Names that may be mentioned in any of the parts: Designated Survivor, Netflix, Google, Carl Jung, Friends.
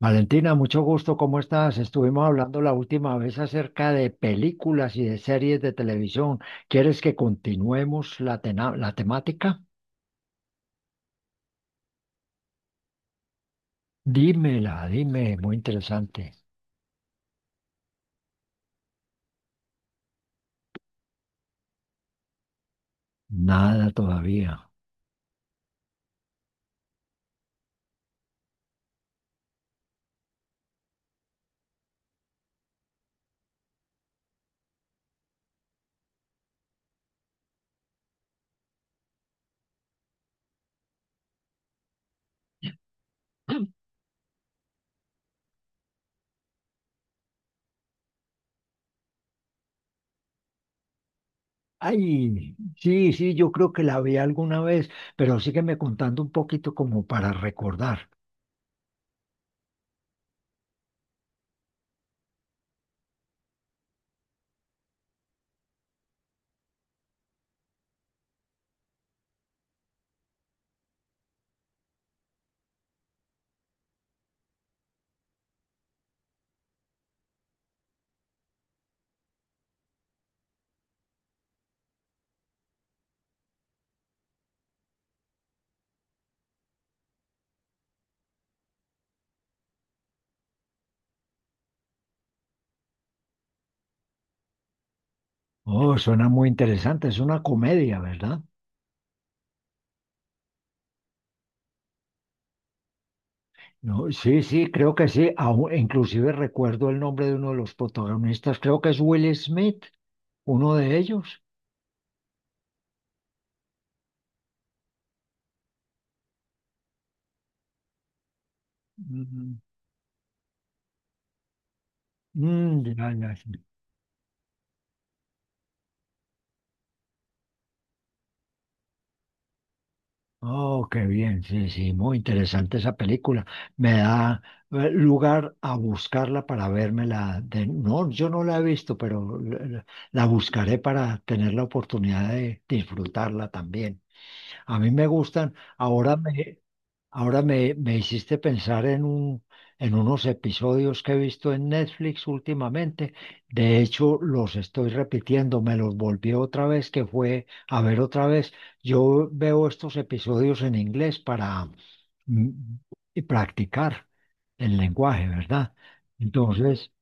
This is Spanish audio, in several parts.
Valentina, mucho gusto, ¿cómo estás? Estuvimos hablando la última vez acerca de películas y de series de televisión. ¿Quieres que continuemos la temática? Dímela, dime, muy interesante. Nada todavía. Ay, sí, sí, yo creo que la vi alguna vez, pero sígueme contando un poquito como para recordar. Oh, suena muy interesante, es una comedia, ¿verdad? No, sí, sí, creo que sí. Inclusive recuerdo el nombre de uno de los protagonistas. Creo que es Will Smith, uno de ellos. Ujú. Mm, ya, ya, sí. Oh, qué bien, sí, sí, muy interesante esa película. Me da lugar a buscarla para vérmela. No, yo no la he visto, pero buscaré para tener la oportunidad de disfrutarla también. A mí me gustan, ahora me, me hiciste pensar en en unos episodios que he visto en Netflix últimamente. De hecho, los estoy repitiendo, me los volví otra vez, que fue a ver otra vez. Yo veo estos episodios en inglés para mm, y practicar el lenguaje, ¿verdad? Entonces,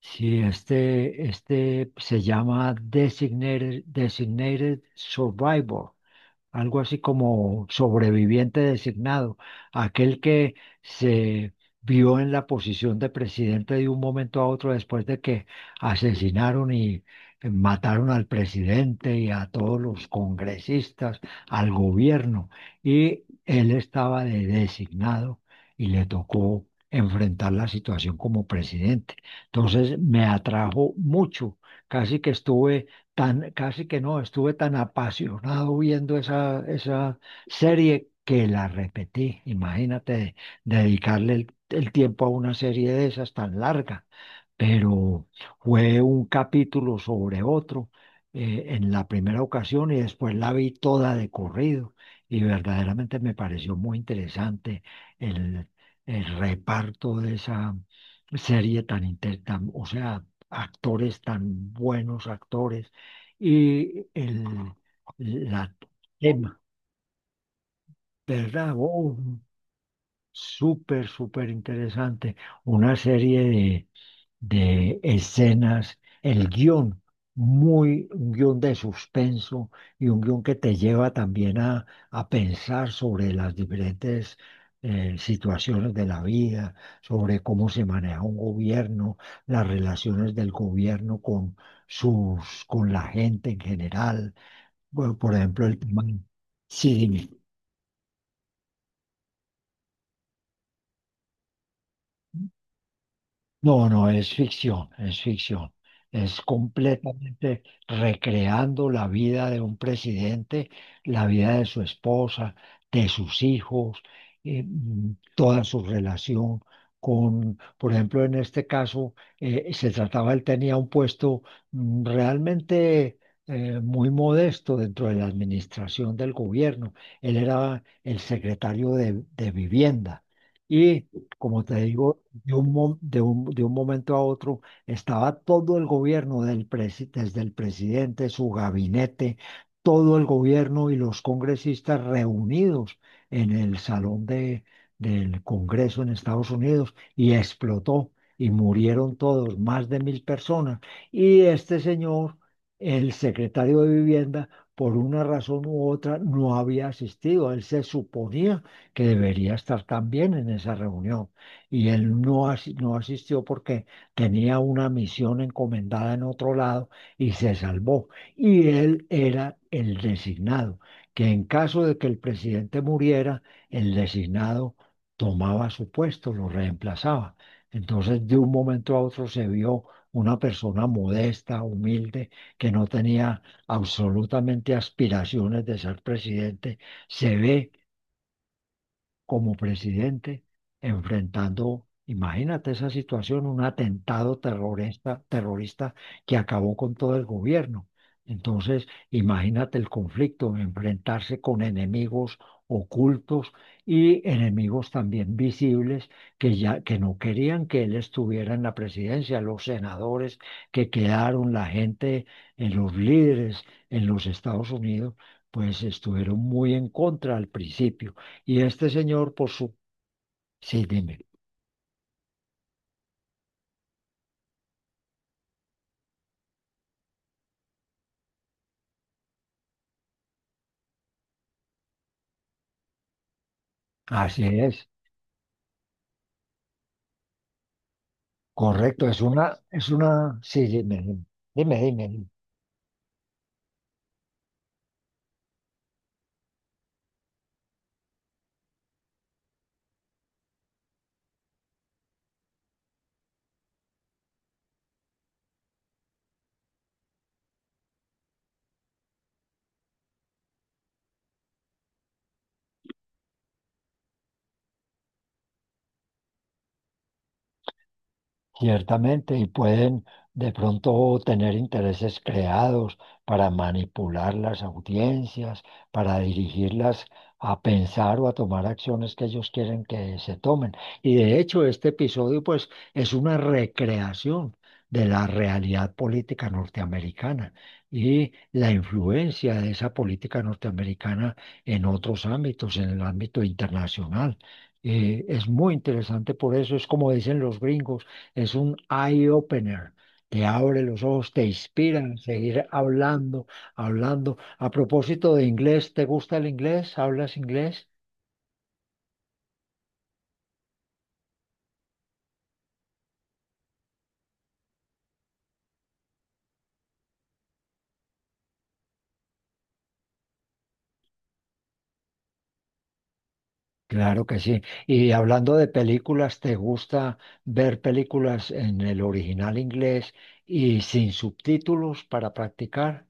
si este, este se llama Designated Survivor, algo así como sobreviviente designado, aquel que se vio en la posición de presidente de un momento a otro después de que asesinaron y mataron al presidente y a todos los congresistas, al gobierno, y él estaba de designado y le tocó enfrentar la situación como presidente. Entonces me atrajo mucho, casi que estuve tan, casi que no, estuve tan apasionado viendo esa serie que la repetí. Imagínate dedicarle el tiempo a una serie de esas tan larga, pero fue un capítulo sobre otro en la primera ocasión, y después la vi toda de corrido y verdaderamente me pareció muy interesante el, el reparto de esa serie o sea, actores tan buenos, actores y el la tema, ¿verdad? Oh, súper, súper interesante. Una serie de escenas, el guión, muy, un guión de suspenso y un guión que te lleva también a pensar sobre las diferentes situaciones de la vida, sobre cómo se maneja un gobierno, las relaciones del gobierno con con la gente en general, bueno, por ejemplo, el tema. Sí, dime. No, no, es ficción, es ficción. Es completamente recreando la vida de un presidente, la vida de su esposa, de sus hijos, toda su relación con, por ejemplo, en este caso, se trataba, él tenía un puesto realmente muy modesto dentro de la administración del gobierno. Él era el secretario de vivienda. Y como te digo, de un, mo- de un momento a otro estaba todo el gobierno, desde el presidente, su gabinete, todo el gobierno y los congresistas reunidos en el del Congreso en Estados Unidos, y explotó y murieron todos, más de mil personas. Y este señor, el secretario de Vivienda, por una razón u otra, no había asistido. Él se suponía que debería estar también en esa reunión y él no, asi- no asistió porque tenía una misión encomendada en otro lado y se salvó. Y él era el designado, que en caso de que el presidente muriera, el designado tomaba su puesto, lo reemplazaba. Entonces, de un momento a otro se vio una persona modesta, humilde, que no tenía absolutamente aspiraciones de ser presidente, se ve como presidente enfrentando, imagínate esa situación, un atentado terrorista que acabó con todo el gobierno. Entonces, imagínate el conflicto, enfrentarse con enemigos ocultos y enemigos también visibles, que ya que no querían que él estuviera en la presidencia, los senadores que quedaron, la gente, los líderes en los Estados Unidos, pues estuvieron muy en contra al principio. Y este señor, por su... Sí, dime. Así es. Correcto. Sí, dime. Ciertamente, y pueden de pronto tener intereses creados para manipular las audiencias, para dirigirlas a pensar o a tomar acciones que ellos quieren que se tomen. Y de hecho, este episodio, pues, es una recreación de la realidad política norteamericana y la influencia de esa política norteamericana en otros ámbitos, en el ámbito internacional. Es muy interesante por eso, es como dicen los gringos, es un eye opener. Te abre los ojos, te inspira a seguir hablando. A propósito de inglés, ¿te gusta el inglés? ¿Hablas inglés? Claro que sí. Y hablando de películas, ¿te gusta ver películas en el original inglés y sin subtítulos para practicar?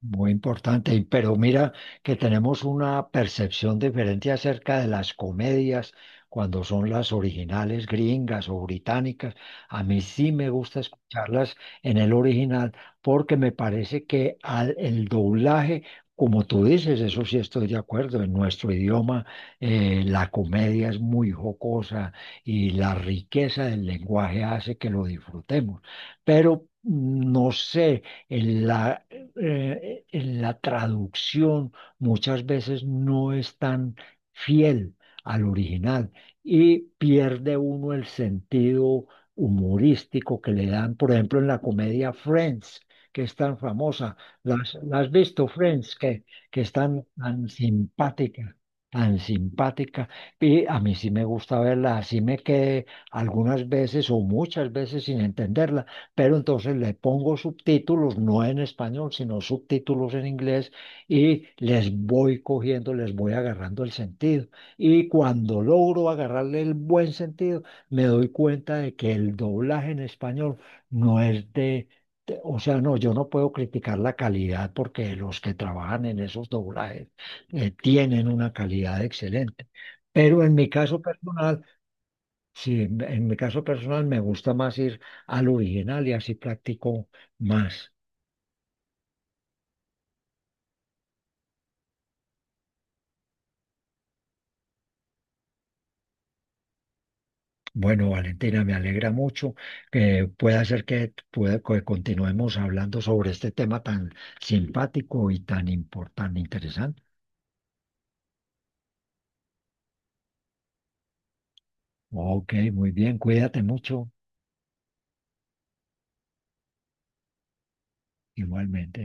Muy importante, y- pero mira que tenemos una percepción diferente acerca de las comedias cuando son las originales gringas o británicas. A mí sí me gusta escucharlas en el original porque me parece que el doblaje, como tú dices, eso sí estoy de acuerdo, en nuestro idioma la comedia es muy jocosa y la riqueza del lenguaje hace que lo disfrutemos. Pero no sé en la en la traducción muchas veces no es tan fiel al original y pierde uno el sentido humorístico que le dan, por ejemplo, en la comedia Friends, que es tan famosa. Las has visto, Friends? Que es tan, tan simpática. Tan simpática, y a mí sí me gusta verla, así me quedé algunas veces o muchas veces sin entenderla, pero entonces le pongo subtítulos, no en español, sino subtítulos en inglés y les voy cogiendo, les voy agarrando el sentido. Y cuando logro agarrarle el buen sentido, me doy cuenta de que el doblaje en español no es O sea, no, yo no puedo criticar la calidad porque los que trabajan en esos doblajes tienen una calidad excelente. Pero en mi caso personal, sí, en mi caso personal me gusta más ir al original y así practico más. Bueno, Valentina, me alegra mucho que pueda ser que, pueda, que continuemos hablando sobre este tema tan simpático y tan importante, interesante. Ok, muy bien, cuídate mucho, igualmente.